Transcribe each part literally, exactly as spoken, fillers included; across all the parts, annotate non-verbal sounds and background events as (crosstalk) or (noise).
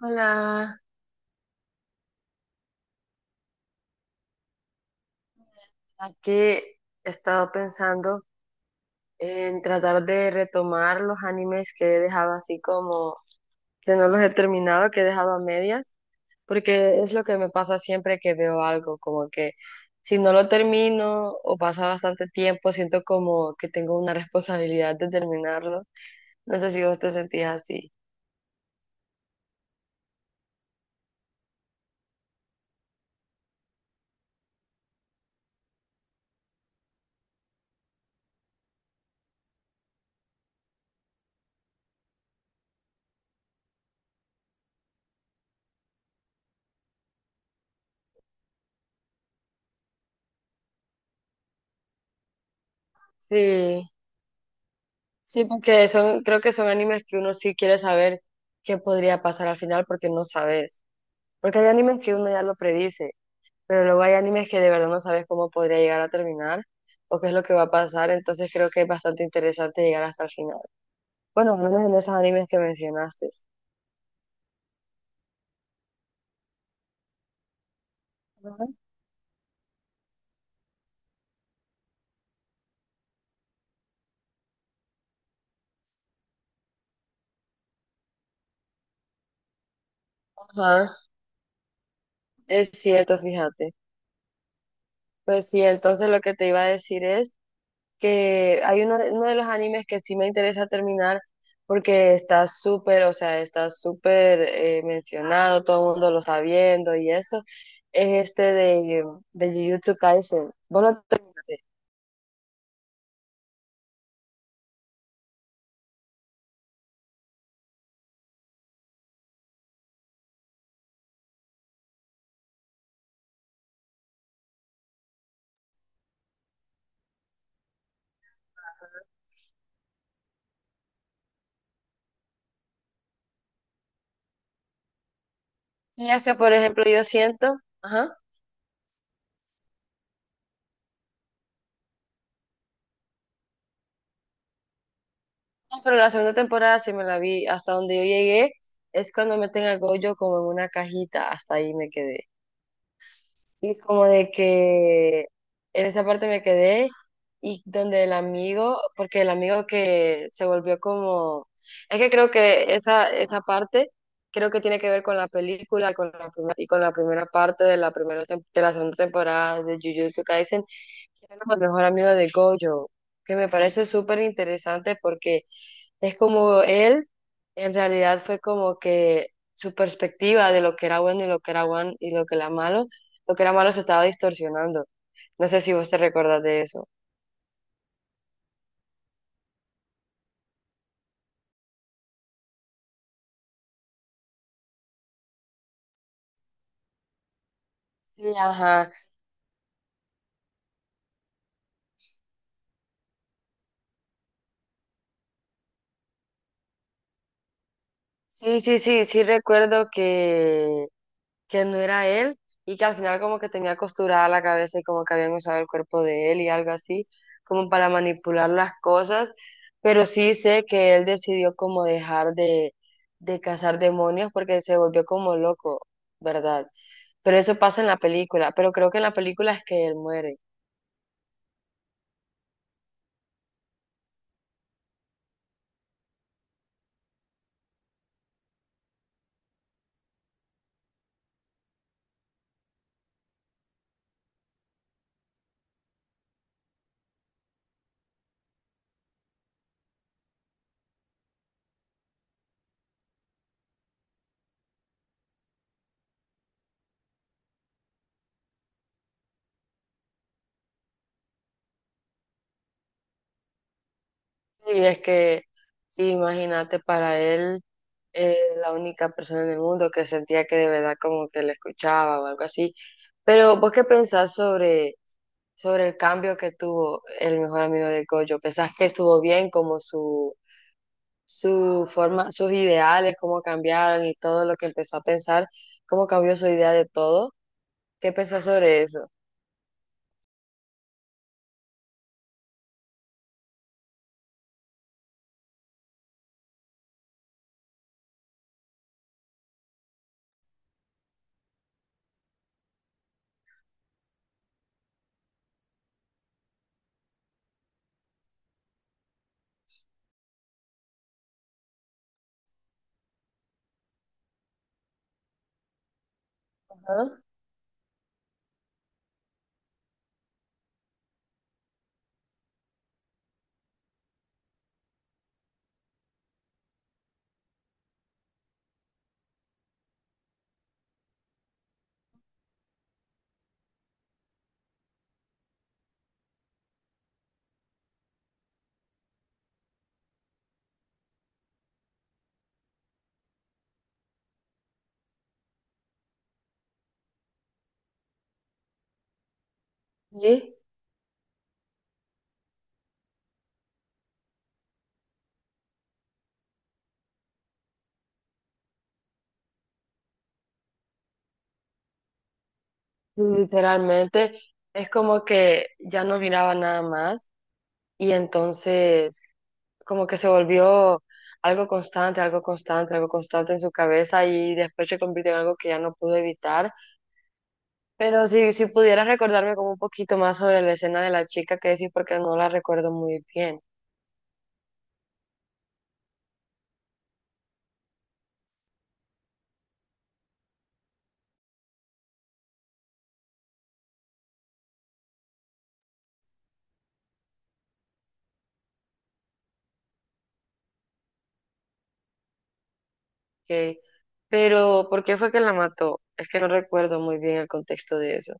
Hola, aquí he estado pensando en tratar de retomar los animes que he dejado, así como que no los he terminado, que he dejado a medias, porque es lo que me pasa siempre que veo algo, como que si no lo termino o pasa bastante tiempo, siento como que tengo una responsabilidad de terminarlo. No sé si vos te sentías así. Sí, sí, porque son, creo que son animes que uno sí quiere saber qué podría pasar al final porque no sabes. Porque hay animes que uno ya lo predice, pero luego hay animes que de verdad no sabes cómo podría llegar a terminar o qué es lo que va a pasar, entonces creo que es bastante interesante llegar hasta el final. Bueno, al menos en esos animes que mencionaste. Ajá. Ajá, es cierto, fíjate. Pues sí, entonces lo que te iba a decir es que hay uno, uno de los animes que sí me interesa terminar porque está súper, o sea, está súper eh, mencionado, todo el mundo lo está viendo y eso, es este de, de Jujutsu Kaisen. Vos lo terminaste. Y es que, por ejemplo, yo siento, ajá, no, pero la segunda temporada sí me la vi, hasta donde yo llegué, es cuando meten a Gojo como en una cajita, hasta ahí me quedé. Y como de que en esa parte me quedé y donde el amigo, porque el amigo que se volvió como, es que creo que esa, esa parte creo que tiene que ver con la película, con la primera, y con la primera parte de la primera tem- de la segunda temporada de Jujutsu Kaisen, que era como el mejor amigo de Gojo, que me parece súper interesante porque es como él, en realidad fue como que su perspectiva de lo que era bueno y lo que era bueno y lo que era malo, lo que era malo, se estaba distorsionando. No sé si vos te recordás de eso. Sí, ajá. Sí, sí, sí, sí recuerdo que que no era él y que al final como que tenía costurada la cabeza y como que habían usado el cuerpo de él y algo así, como para manipular las cosas, pero sí sé que él decidió como dejar de, de cazar demonios porque se volvió como loco, ¿verdad? Pero eso pasa en la película, pero creo que en la película es que él muere. Y es que, sí, imagínate, para él, eh, la única persona en el mundo que sentía que de verdad como que le escuchaba o algo así. Pero vos qué pensás sobre sobre el cambio que tuvo el mejor amigo de Gojo. ¿Pensás que estuvo bien como su, su forma, sus ideales, cómo cambiaron y todo lo que empezó a pensar, cómo cambió su idea de todo? ¿Qué pensás sobre eso? Ajá. Sí, literalmente es como que ya no miraba nada más y entonces como que se volvió algo constante, algo constante, algo constante en su cabeza y después se convirtió en algo que ya no pudo evitar. Pero si, si pudieras recordarme como un poquito más sobre la escena de la chica que decís, porque no la recuerdo muy bien, ¿ok? Pero ¿por qué fue que la mató? Es que no recuerdo muy bien el contexto de eso.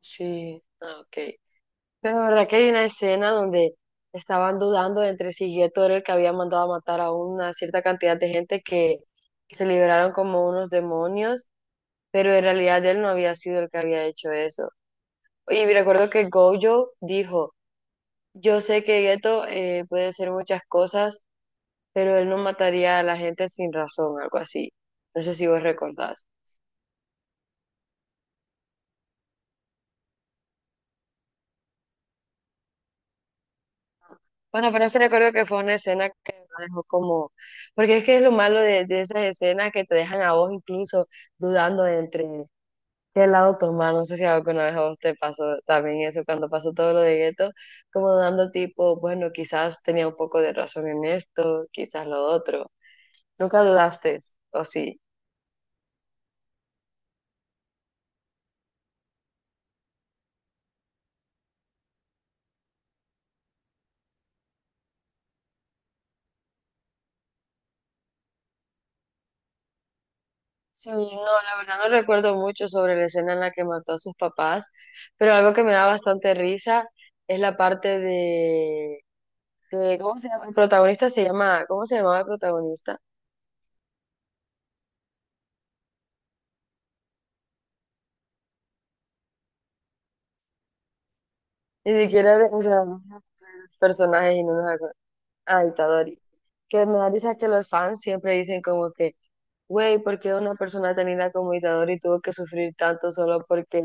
Sí, ah, ok. Pero la verdad que hay una escena donde estaban dudando entre si Geto era el que había mandado a matar a una cierta cantidad de gente que, que se liberaron como unos demonios, pero en realidad él no había sido el que había hecho eso. Y recuerdo que Gojo dijo: yo sé que Gueto eh, puede ser muchas cosas, pero él no mataría a la gente sin razón, algo así. No sé si vos recordás. Bueno, pero es que recuerdo que fue una escena que me dejó como... Porque es que es lo malo de, de esas escenas que te dejan a vos incluso dudando entre qué lado tomar. No sé si alguna vez a vos te pasó también eso, cuando pasó todo lo de Gueto, como dudando tipo, bueno, quizás tenía un poco de razón en esto, quizás lo otro. ¿Nunca dudaste, o sí? Sí, no, la verdad no recuerdo mucho sobre la escena en la que mató a sus papás, pero algo que me da bastante risa es la parte de, de- ¿cómo se llama? El protagonista se llama, ¿cómo se llamaba el protagonista? Ni siquiera, de- o sea, no me acuerdo de los personajes y no nos acuerdo. Ah, Itadori. Que me da risa que los fans siempre dicen como que, güey, ¿por qué una persona tan linda como Itadori tuvo que sufrir tanto solo porque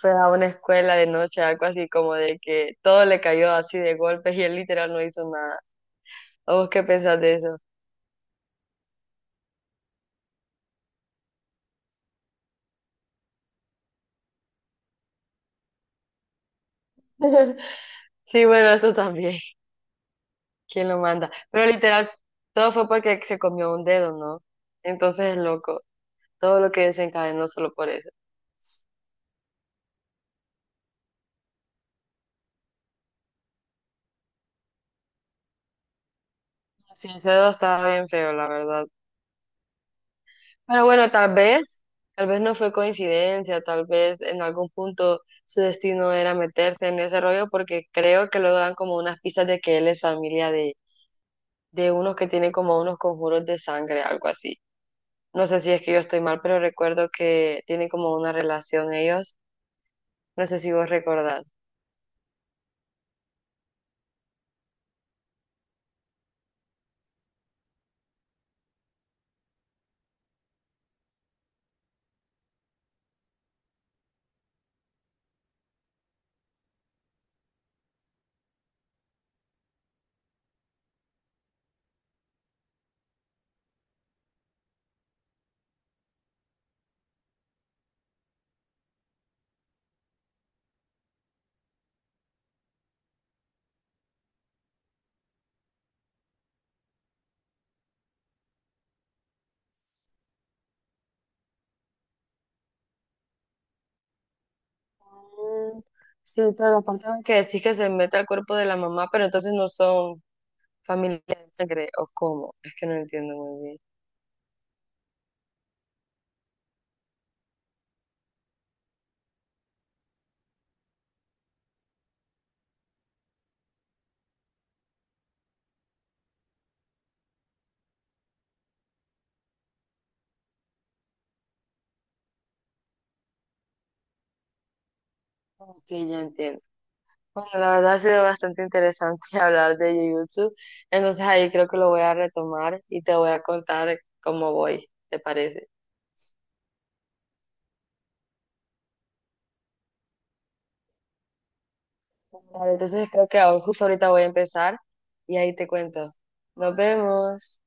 fue a una escuela de noche, algo así como de que todo le cayó así de golpe y él literal no hizo nada? Oh, ¿qué pensás de eso? (laughs) Sí, bueno, eso también. (laughs) ¿Quién lo manda? Pero literal, todo fue porque se comió un dedo, ¿no? Entonces es loco. Todo lo que desencadenó solo por eso. Sí, ese dedo estaba bien feo, la verdad. Pero bueno, tal vez, tal vez no fue coincidencia, tal vez en algún punto su destino era meterse en ese rollo porque creo que luego dan como unas pistas de que él es familia de, de unos que tienen como unos conjuros de sangre, algo así. No sé si es que yo estoy mal, pero recuerdo que tienen como una relación ellos. No sé si vos recordás. Mm, sí, pero aparte de que decís que se mete al cuerpo de la mamá, pero entonces no son familia de sangre, ¿o cómo? Es que no entiendo muy bien. Ok, ya entiendo. Bueno, la verdad ha sido bastante interesante (laughs) hablar de Jujutsu, entonces ahí creo que lo voy a retomar y te voy a contar cómo voy, ¿te parece? Vale, entonces creo que ahora- justo ahorita voy a empezar y ahí te cuento. Nos vemos.